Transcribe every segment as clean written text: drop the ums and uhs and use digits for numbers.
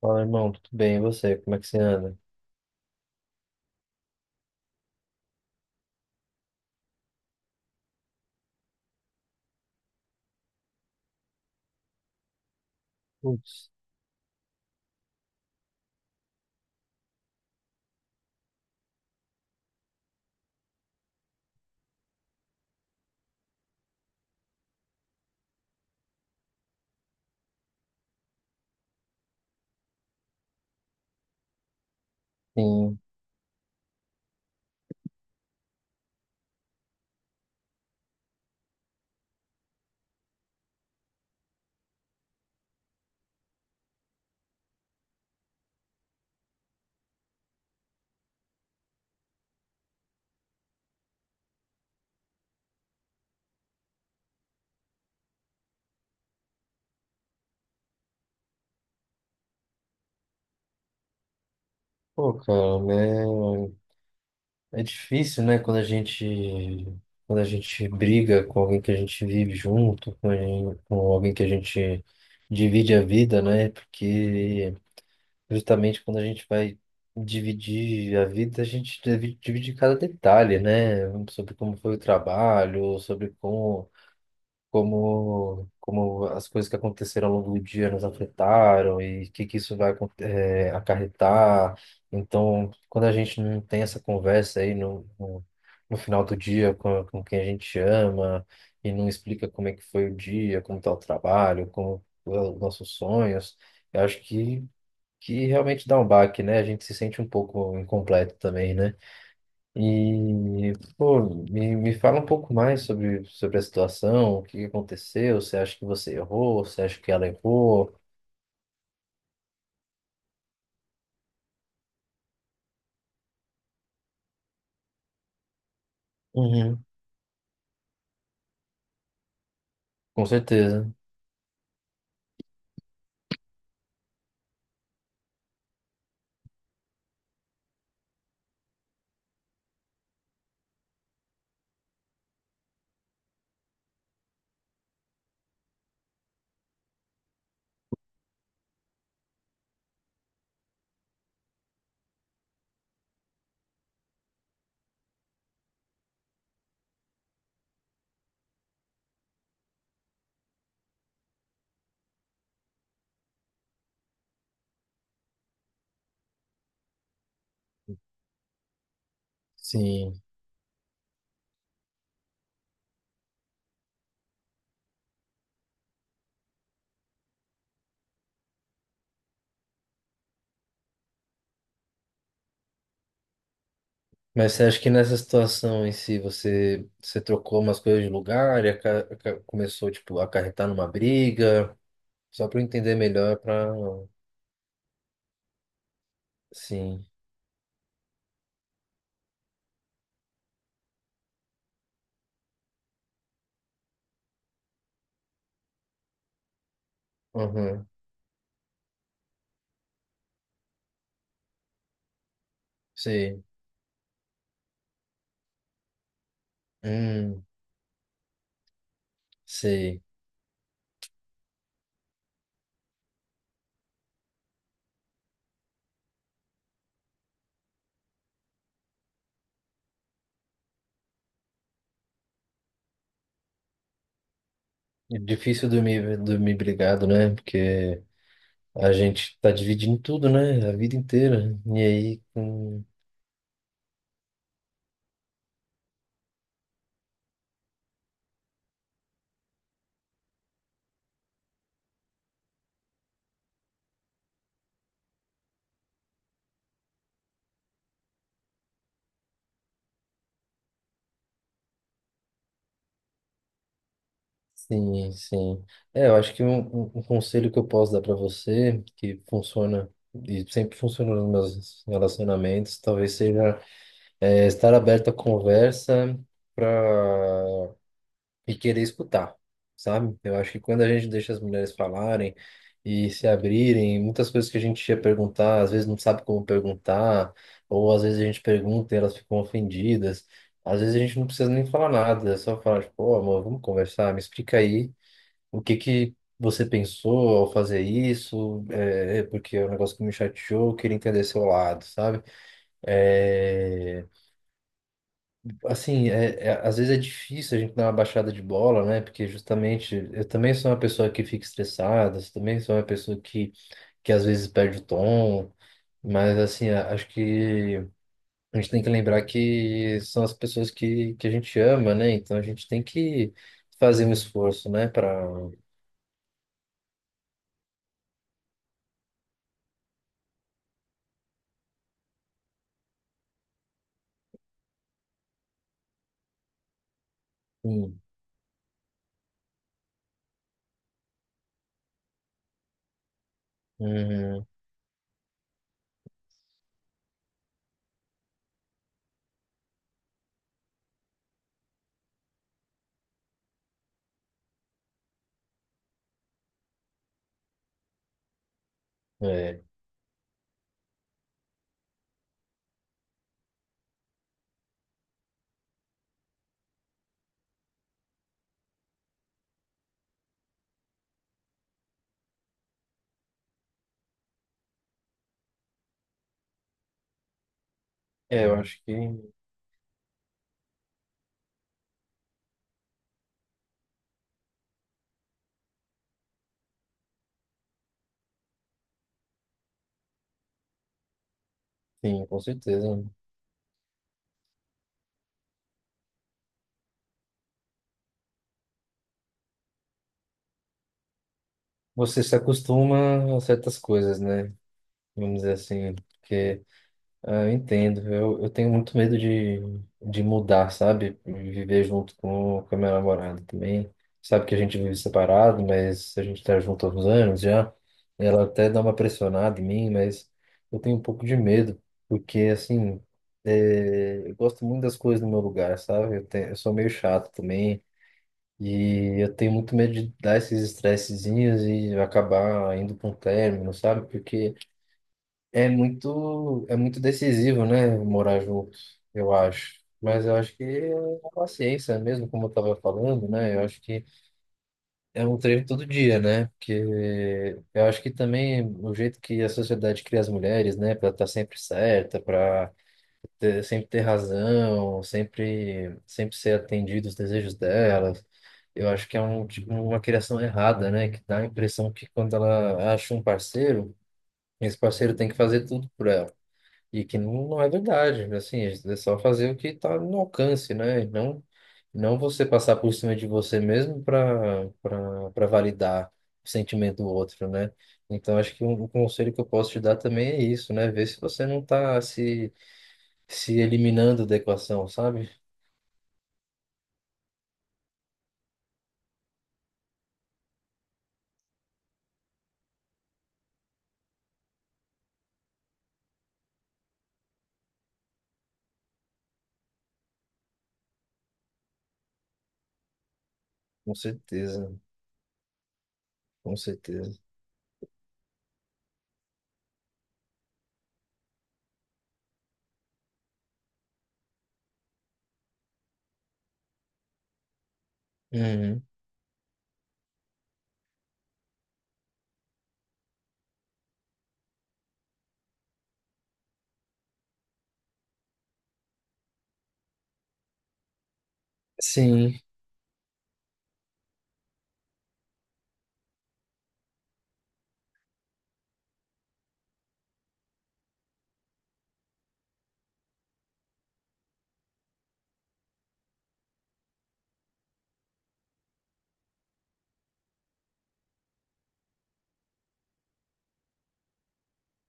Fala, irmão, tudo bem? E você? Como é que você anda? Putz, sim. Pô, cara, né? É difícil, né? Quando a gente briga com alguém que a gente vive junto, com alguém que a gente divide a vida, né? Porque justamente quando a gente vai dividir a vida, a gente divide divide cada detalhe, né? Sobre como foi o trabalho, como as coisas que aconteceram ao longo do dia nos afetaram e que isso vai acarretar. Então, quando a gente não tem essa conversa aí no final do dia com quem a gente ama e não explica como é que foi o dia, como está o trabalho, como é os nossos sonhos, eu acho que realmente dá um baque, né? A gente se sente um pouco incompleto também, né? E, pô, me fala um pouco mais sobre a situação, o que aconteceu, você acha que você errou, você acha que ela errou? Uhum. Com certeza, sim. Mas você acha que nessa situação em si você trocou umas coisas de lugar e começou, tipo, a acarretar numa briga? Só para eu entender melhor, para... Sim, uhum. Sei. Hum, sei. É difícil dormir, dormir brigado, né? Porque a gente tá dividindo tudo, né? A vida inteira. E aí, com... Sim, sim. É, eu acho que um conselho que eu posso dar para você, que funciona e sempre funcionou nos meus relacionamentos, talvez seja estar aberto à conversa para e querer escutar, sabe? Eu acho que quando a gente deixa as mulheres falarem e se abrirem, muitas coisas que a gente ia perguntar, às vezes não sabe como perguntar, ou às vezes a gente pergunta e elas ficam ofendidas. Às vezes a gente não precisa nem falar nada, é só falar, tipo, "Ô, amor, vamos conversar, me explica aí o que que você pensou ao fazer isso, é porque é um negócio que me chateou, eu queria entender seu lado, sabe? É, assim, às vezes é difícil a gente dar uma baixada de bola, né? Porque justamente eu também sou uma pessoa que fica estressada, eu também sou uma pessoa que às vezes perde o tom, mas assim, acho que a gente tem que lembrar que são as pessoas que a gente ama, né? Então a gente tem que fazer um esforço, né? Para. Sim. Uhum. É. É, eu acho que sim, com certeza. Você se acostuma a certas coisas, né? Vamos dizer assim. Porque ah, eu entendo. Eu tenho muito medo de mudar, sabe? Viver junto com a minha namorada também. Sabe que a gente vive separado, mas a gente tá junto há uns anos já. Ela até dá uma pressionada em mim, mas eu tenho um pouco de medo, porque assim, é, eu gosto muito das coisas no meu lugar, sabe? Eu sou meio chato também. E eu tenho muito medo de dar esses estressezinhos e acabar indo para um término, sabe? Porque. É muito decisivo, né, morar junto, eu acho. Mas eu acho que é a paciência mesmo, como eu estava falando, né? Eu acho que é um treino todo dia, né? Porque eu acho que também o jeito que a sociedade cria as mulheres, né, para estar sempre certa, para sempre ter razão, sempre, sempre ser atendido os desejos delas. Eu acho que é um, tipo, uma criação errada, né? Que dá a impressão que quando ela acha um parceiro, esse parceiro tem que fazer tudo por ela. E que não, não é verdade, né? Assim, é é só fazer o que está no alcance, né? E não, não você passar por cima de você mesmo para para para validar o sentimento do outro, né? Então, acho que um conselho que eu posso te dar também é isso, né? Ver se você não está se eliminando da equação, sabe? Com certeza, com certeza. Uhum. Sim,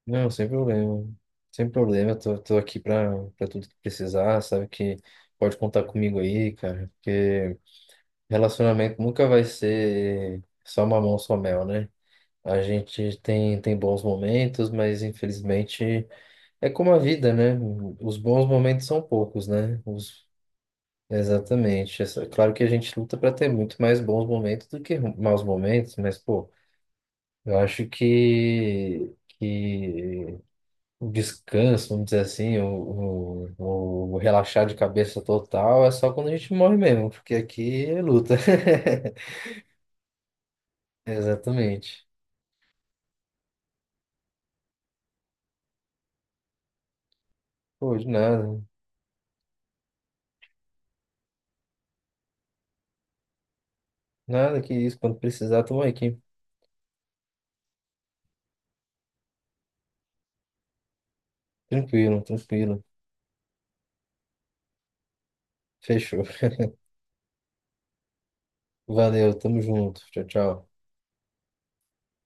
não, sem problema. Sem problema, eu tô aqui para para tudo que precisar, sabe que pode contar comigo aí, cara, porque relacionamento nunca vai ser só mamão, só mel, né? A gente tem bons momentos, mas infelizmente é como a vida, né? Os bons momentos são poucos, né? Os... Exatamente. Essa- claro que a gente luta para ter muito mais bons momentos do que maus momentos, mas, pô, eu acho que o descanso, vamos dizer assim, o relaxar de cabeça total é só quando a gente morre mesmo, porque aqui é luta. Exatamente. Pô, de nada. Nada que isso. Quando precisar, tamo aqui. Tranquilo, tranquilo. Fechou. Valeu, tamo junto. Tchau, tchau.